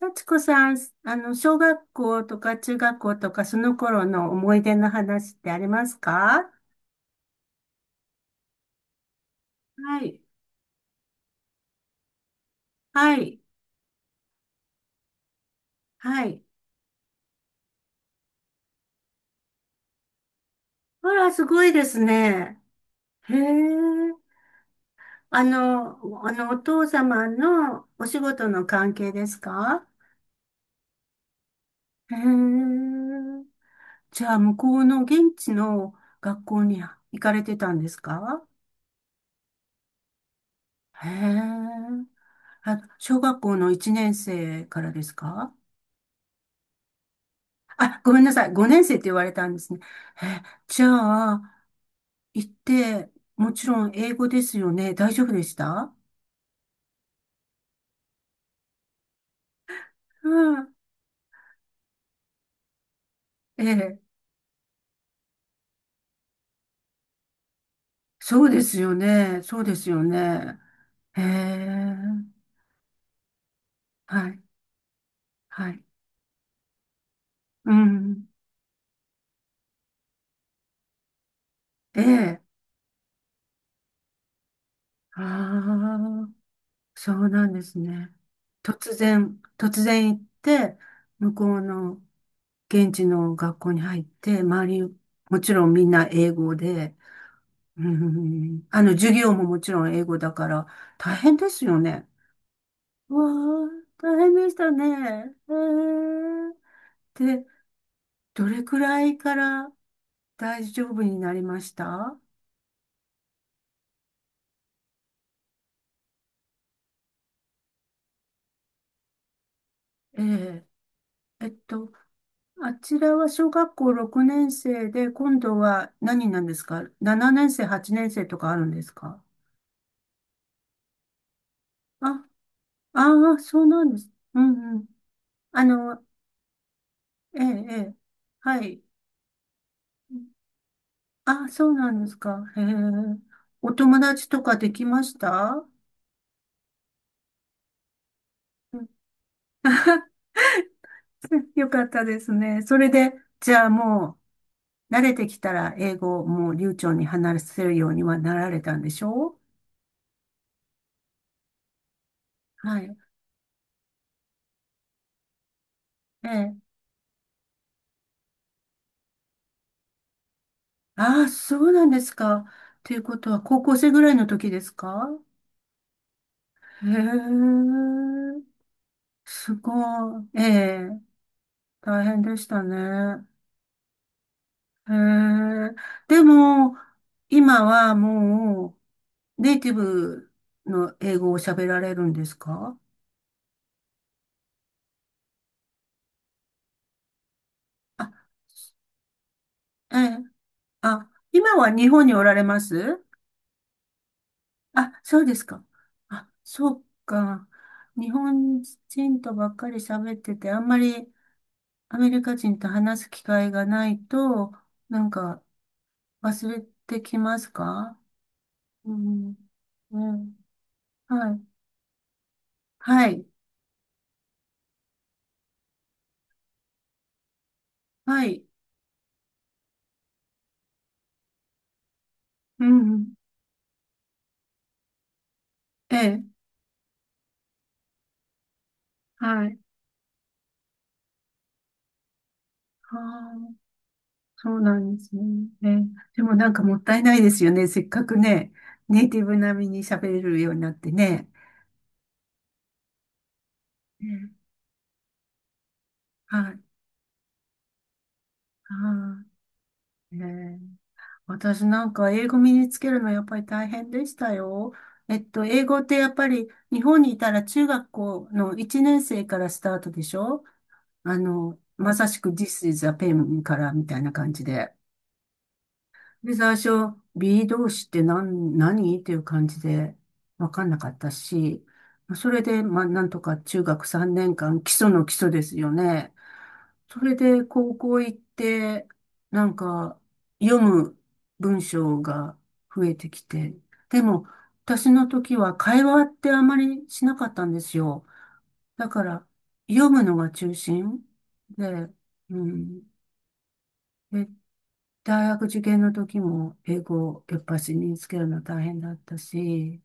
幸子さん、小学校とか中学校とかその頃の思い出の話ってありますか？はい。はい。はい。あら、すごいですね。へえ。お父様のお仕事の関係ですか？へえ。じゃあ、向こうの現地の学校に行かれてたんですか？へえ。あ、小学校の1年生からですか？あ、ごめんなさい。5年生って言われたんですね。え、じゃあ、行って、もちろん英語ですよね。大丈夫でした？うん。ええ、そうですよね。そうですよね。ええ、はい、はい。うん。ええ、ああ、そうなんですね。突然行って、向こうの現地の学校に入って、周り、もちろんみんな英語で、うん。あの、授業ももちろん英語だから、大変ですよね。わあ、大変でしたね。へえ。で、どれくらいから大丈夫になりました？ええ。えっと、あちらは小学校6年生で、今度は何なんですか？ 7 年生、8年生とかあるんですか？あ、ああ、そうなんです。うんうん。あの、ええ、ええ。はい。あ、そうなんですか。へえ。お友達とかできました？うん。 よかったですね。それで、じゃあもう、慣れてきたら英語をもう流暢に話せるようにはなられたんでしょう？はい。ええ。ああ、そうなんですか。ということは、高校生ぐらいの時ですか？へえ。すごい。ええ。大変でしたね。へえ。でも、今はもう、ネイティブの英語を喋られるんですか？あ、ええ、あ、今は日本におられます？あ、そうですか。あ、そうか。日本人とばっかり喋ってて、あんまりアメリカ人と話す機会がないと、なんか忘れてきますか？うん。うん。はい。はい。はい。うん。ええ。はい。はあ、そうなんですね。ね。でもなんかもったいないですよね。せっかくね、ネイティブ並みに喋れるようになってね。ね、はい。はい。ね、私なんか英語身につけるのやっぱり大変でしたよ。英語ってやっぱり日本にいたら中学校の1年生からスタートでしょ？あの、まさしく This is a pen からみたいな感じで。で、最初、B 動詞って何、何っていう感じで分かんなかったし、それで、まあ、なんとか中学3年間、基礎の基礎ですよね。それで、高校行って、なんか、読む文章が増えてきて、でも、私の時は会話ってあまりしなかったんですよ。だから、読むのが中心で、うん。で、大学受験の時も英語やっぱし身につけるの大変だったし、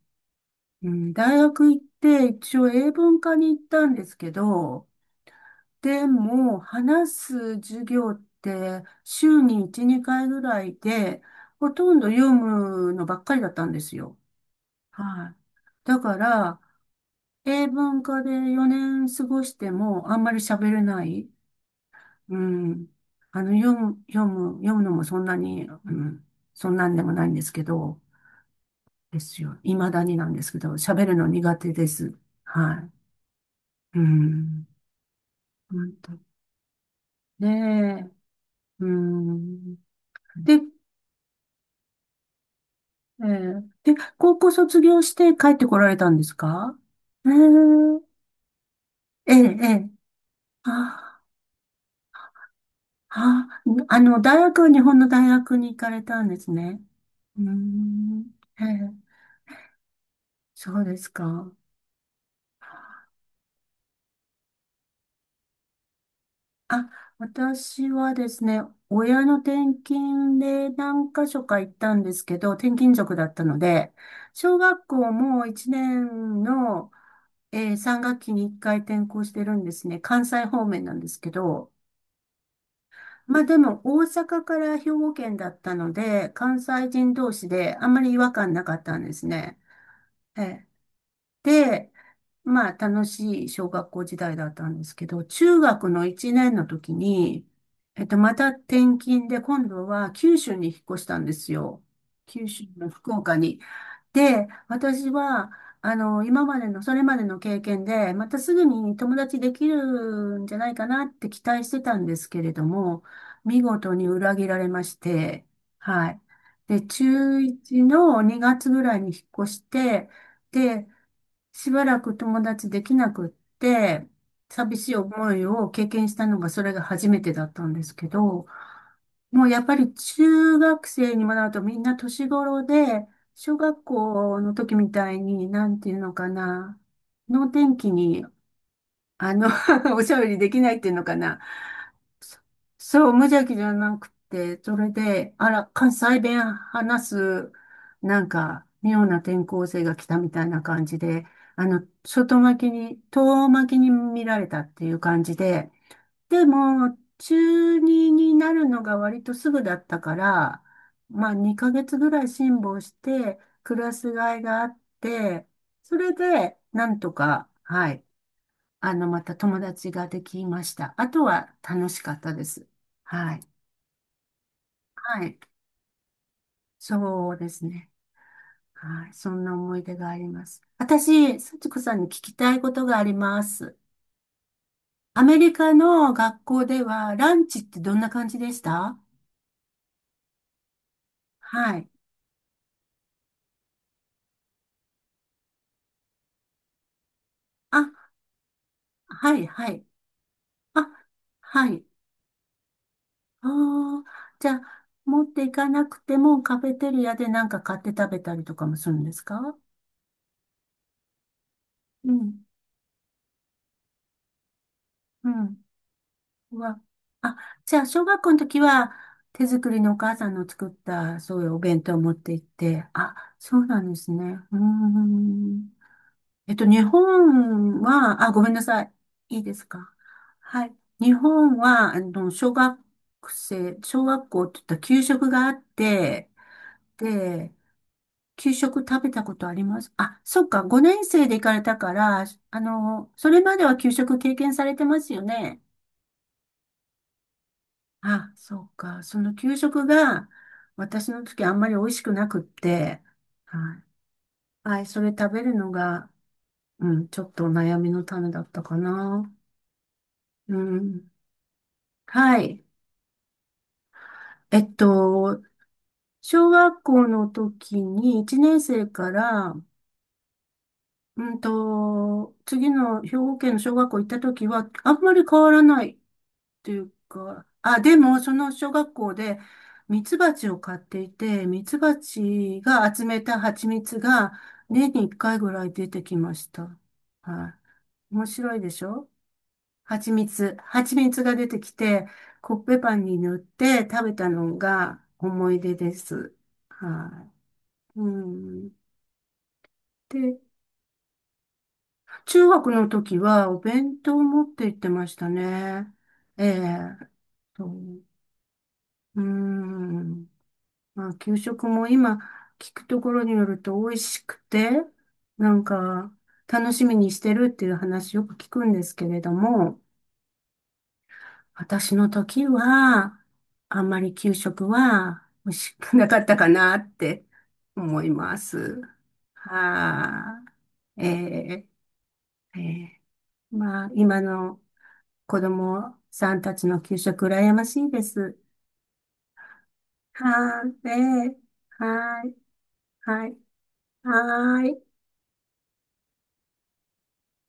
うん、大学行って一応英文科に行ったんですけど、でも話す授業って週に1、2回ぐらいで、ほとんど読むのばっかりだったんですよ。はい。だから、英文科で4年過ごしてもあんまり喋れない。うん。あの、読むのもそんなに、うん、そんなんでもないんですけど、ですよ。未だになんですけど、喋るの苦手です。はい。うん。本当。ねえ。うん。で、で、高校卒業して帰ってこられたんですか？えー、ええ、ええ。あ、あ、あの、大学は日本の大学に行かれたんですね。うーん。ええ、そうですか。あ、私はですね、親の転勤で何箇所か行ったんですけど、転勤族だったので、小学校も1年の、3学期に1回転校してるんですね。関西方面なんですけど、まあでも大阪から兵庫県だったので、関西人同士であんまり違和感なかったんですね。ええ、まあ、楽しい小学校時代だったんですけど、中学の1年の時に、また転勤で、今度は九州に引っ越したんですよ。九州の福岡に。で、私は、あの、今までの、それまでの経験で、またすぐに友達できるんじゃないかなって期待してたんですけれども、見事に裏切られまして、はい。で、中1の2月ぐらいに引っ越して、で、しばらく友達できなくって、寂しい思いを経験したのがそれが初めてだったんですけど、もうやっぱり中学生にもなるとみんな年頃で、小学校の時みたいに、なんていうのかな、能天気に、あの おしゃべりできないっていうのかな、そう、無邪気じゃなくて、それで、あら、関西弁話す、なんか、妙な転校生が来たみたいな感じで、あの、外巻きに、遠巻きに見られたっていう感じで、でも、中2になるのが割とすぐだったから、まあ、2ヶ月ぐらい辛抱して、クラス替えがあって、それで、なんとか、はい、あの、また友達ができました。あとは楽しかったです。はい。はい。そうですね。はい。そんな思い出があります。私、幸子さんに聞きたいことがあります。アメリカの学校ではランチってどんな感じでした？はい。あ、はい、はい。あ、はい。あー、じゃあ、持っていかなくてもカフェテリアでなんか買って食べたりとかもするんですか？うん、うん。は、あ、じゃあ、小学校の時は、手作りのお母さんの作った、そういうお弁当を持って行って、あ、そうなんですね。うーん。日本は、あ、ごめんなさい。いいですか？はい。日本は、あの、小学校って言ったら給食があって、で、給食食べたことあります？あ、そっか、5年生で行かれたから、あの、それまでは給食経験されてますよね。あ、そうか。その給食が私の時あんまり美味しくなくって、はい。はい、それ食べるのが、うん、ちょっと悩みの種だったかな。うん。はい。えっと、小学校の時に1年生から、うんと、次の兵庫県の小学校行った時はあんまり変わらないっていうか、あ、でも、その小学校で、ミツバチを飼っていて、ミツバチが集めた蜂蜜が、年に1回ぐらい出てきました。はい。面白いでしょ？蜂蜜。蜂蜜が出てきて、コッペパンに塗って食べたのが思い出です。はい。うん。で、中学の時はお弁当を持って行ってましたね。ええ。そう。うん。まあ、給食も今聞くところによると美味しくて、なんか楽しみにしてるっていう話よく聞くんですけれども、私の時はあんまり給食は美味しくなかったかなって思います。はい、えー、えー、まあ、今の子供さんたちの給食羨ましいです。はい、えー、はい、はい、はい。